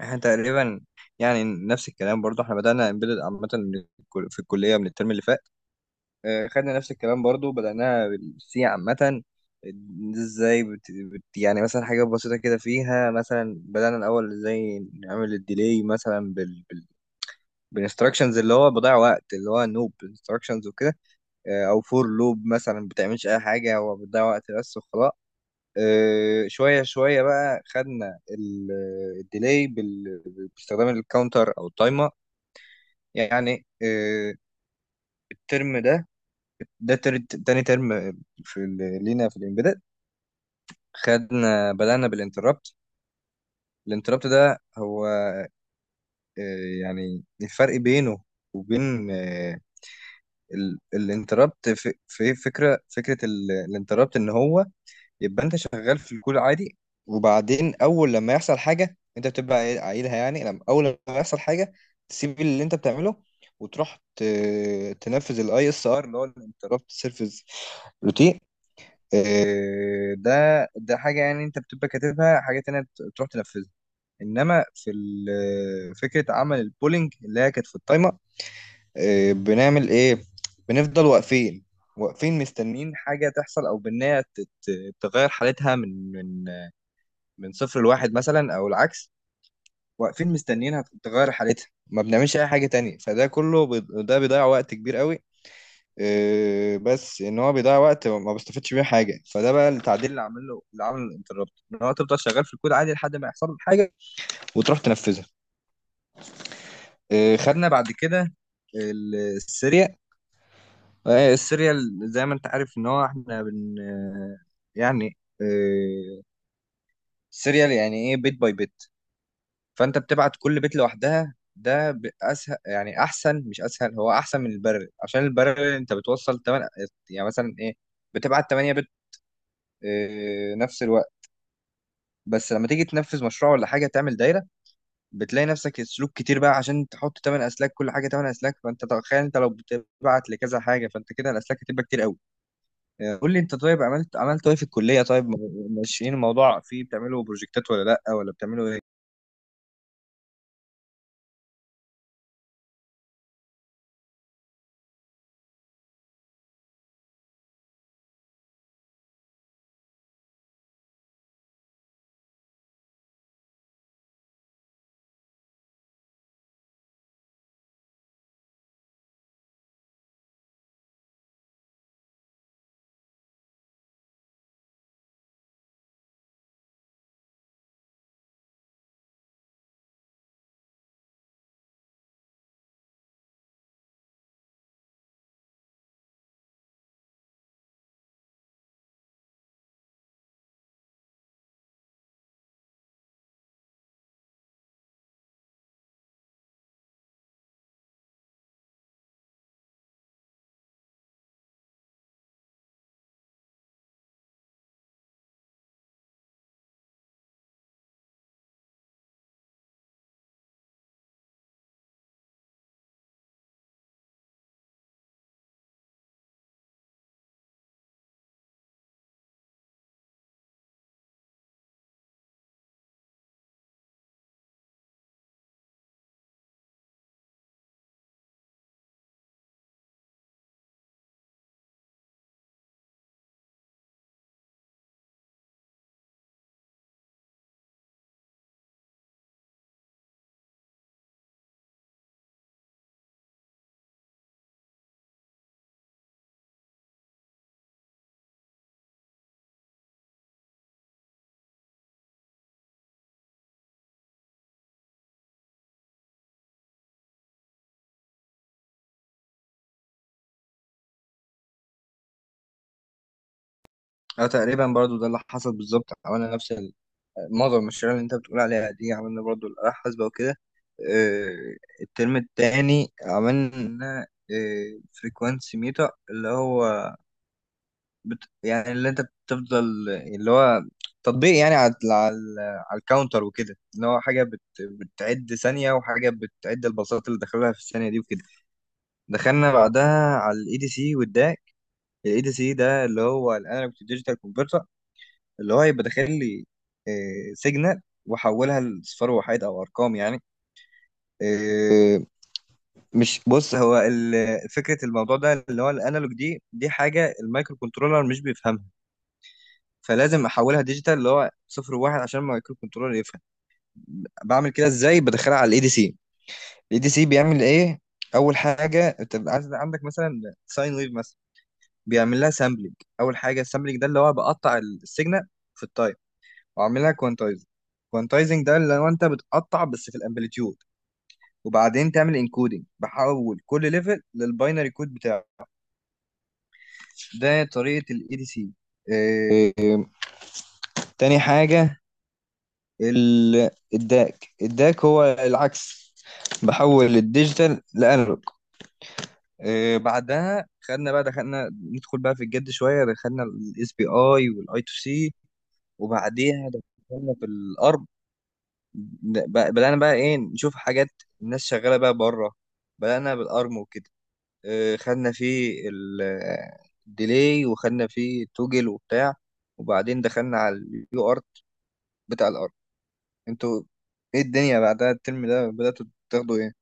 احنا تقريبا، يعني نفس الكلام، برضو احنا بدأنا امبيدد عامة من في الكلية من الترم اللي فات. خدنا نفس الكلام برضو، بدأناها بالسي عامة. ازاي يعني مثلا حاجة بسيطة كده، فيها مثلا بدأنا الأول ازاي نعمل الديلي، مثلا بالانستراكشنز اللي هو بضيع وقت، اللي هو نوب انستراكشنز وكده. او فور لوب مثلا بتعملش اي حاجة، هو بتضيع وقت بس وخلاص. شوية شوية بقى خدنا الديلي باستخدام الكاونتر أو التايمر. يعني، الترم ده، ده تاني ترم في لينا في الإمبيدد، خدنا بدأنا بالانتربت. الانتربت ده هو، يعني الفرق بينه وبين الانتربت، في فكرة الانتربت إن هو يبقى انت شغال في الكول عادي، وبعدين اول لما يحصل حاجه انت بتبقى عايلها، يعني اول لما يحصل حاجه تسيب اللي انت بتعمله وتروح تنفذ الاي اس ار، اللي هو الانتربت سيرفيس روتين. آه، ده ده حاجه، يعني انت بتبقى كاتبها حاجه تانية تروح تنفذها. انما فكره عمل البولينج، اللي هي كانت في التايمر. بنعمل ايه؟ بنفضل واقفين، واقفين مستنيين حاجه تحصل، او بنها تغير حالتها من صفر لواحد مثلا او العكس. واقفين مستنيينها تغير حالتها، ما بنعملش اي حاجه تانية، فده كله ده بيضيع وقت كبير قوي. إيه، بس ان هو بيضيع وقت ما بستفدش بيه حاجه. فده بقى التعديل اللي عامل له، اللي عامل الانتربت ان هو تفضل شغال في الكود عادي لحد ما يحصل لك حاجه وتروح تنفذها. إيه، خدنا بعد كده السيريال. السيريال زي ما انت عارف ان هو احنا بن، يعني، السيريال يعني ايه؟ بيت باي بيت، فانت بتبعت كل بيت لوحدها. ده اسهل، يعني احسن، مش اسهل، هو احسن من البرر، عشان البرر انت بتوصل 8، يعني مثلا ايه، بتبعت 8 بت نفس الوقت. بس لما تيجي تنفذ مشروع ولا حاجه تعمل دايره، بتلاقي نفسك السلوك كتير بقى، عشان تحط 8 اسلاك، كل حاجه 8 اسلاك. فانت تخيل انت لو بتبعت لكذا حاجه، فانت كده الاسلاك هتبقى كتير قوي. قول لي انت، طيب، عملت ايه في الكليه؟ طيب ماشيين الموضوع، فيه بتعملوا بروجكتات ولا لا، ولا بتعملوا ايه؟ اه، تقريبا برضو ده اللي حصل بالظبط، عملنا نفس معظم المشاريع اللي انت بتقول عليها دي، عملنا برضو الآلة الحاسبة وكده. آه، الترم التاني عملنا فريكوانسي ميتا، اللي هو يعني اللي انت بتفضل، اللي هو تطبيق يعني على على الكاونتر وكده، اللي هو حاجة بتعد ثانية، وحاجة بتعد الباصات اللي دخلها في الثانية دي وكده. دخلنا بعدها على الاي دي سي والداك. الاي دي سي ده اللي هو الانالوج تو ديجيتال، اللي هو يبقى داخل لي سيجنال واحولها لصفر وحيد او ارقام، يعني. آه، مش بص، هو فكره الموضوع ده اللي هو الانالوج دي، حاجه المايكرو كنترولر مش بيفهمها، فلازم احولها ديجيتال اللي هو صفر وواحد عشان المايكرو كنترولر يفهم. بعمل كده ازاي؟ بدخلها على الاي دي سي، الاي دي سي بيعمل ايه؟ اول حاجه انت بيبقى عندك مثلا ساين ويف مثلا، بيعمل لها سامبلنج. اول حاجه السامبلنج ده اللي هو بقطع السيجنال في التايم، واعملها كوانتايزنج. كوانتايزنج ده اللي هو انت بتقطع بس في الامبليتيود، وبعدين تعمل انكودنج، بحول كل ليفل للباينري كود بتاعه. ده طريقه الاي دي سي. تاني حاجه الداك. الداك هو العكس، بحول الديجيتال لانالوج. بعدها خدنا بقى، دخلنا ندخل بقى في الجد شويه، دخلنا الاس بي اي والاي تو سي، وبعديها دخلنا في الار، بدأنا بقى ايه، نشوف حاجات الناس شغالة بقى بره، بدأنا بالأرم وكده. خدنا فيه الديلي، وخدنا فيه التوجل وبتاع. وبعدين دخلنا على اليو ارت بتاع الارم. انتوا ايه الدنيا بعدها، الترم ده بدأتوا تاخدوا ايه؟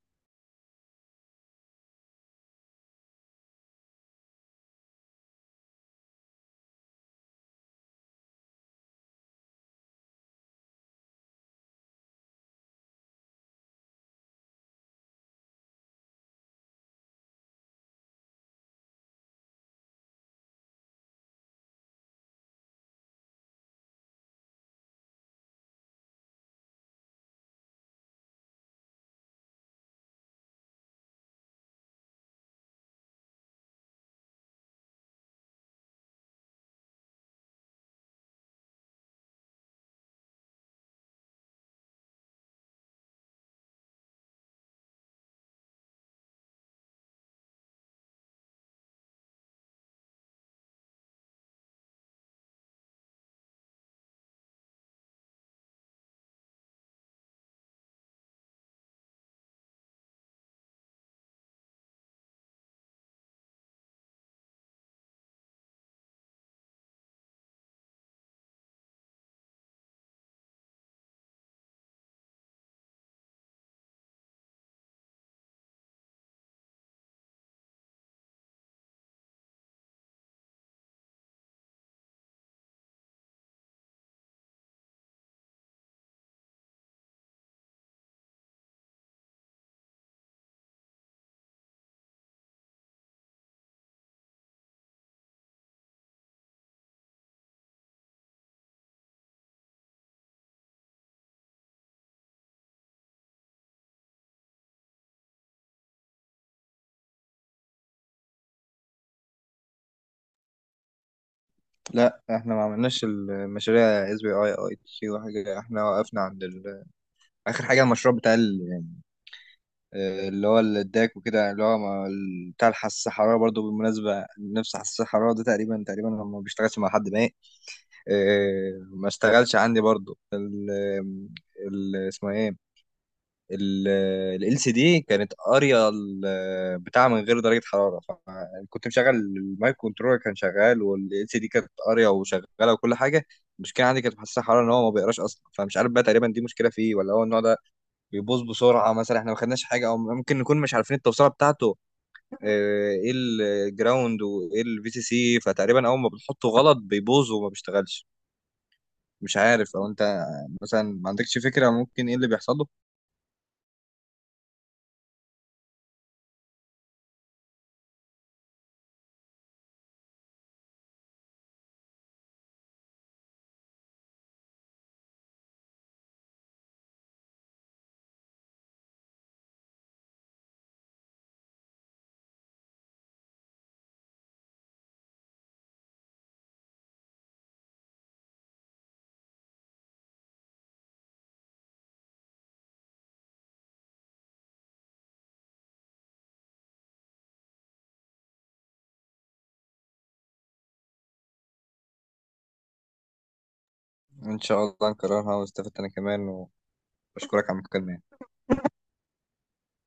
لا، احنا ما عملناش المشاريع اس بي اي اي تي وحاجة، احنا وقفنا عند اخر حاجة المشروع بتاع اللي هو الداك وكده، يعني اللي هو بتاع الحساس الحرارة. برضو بالمناسبة نفس حساس الحرارة ده، تقريبا تقريبا هو ما بيشتغلش مع حد، ما إيه، ما اشتغلش عندي برضو ال، اسمها ايه، ال ال سي دي كانت قارية بتاع من غير درجة حرارة. فكنت مشغل المايك كنترولر كان شغال، وال سي دي كانت قارية وشغالة وكل حاجة. المشكلة عندي كانت في حساس الحرارة، ان هو ما بيقراش اصلا. فمش عارف بقى، تقريبا دي مشكلة فيه، ولا هو النوع ده بيبوظ بسرعه مثلا. احنا ما خدناش حاجه، او ممكن نكون مش عارفين التوصيله بتاعته، ايه الجراوند وايه الفي سي سي، فتقريبا اول ما بنحطه غلط بيبوظ وما بيشتغلش. مش عارف، او انت مثلا ما عندكش فكره ممكن ايه اللي بيحصل له؟ ان شاء الله نكررها، واستفدت انا كمان، واشكرك على المكالمه.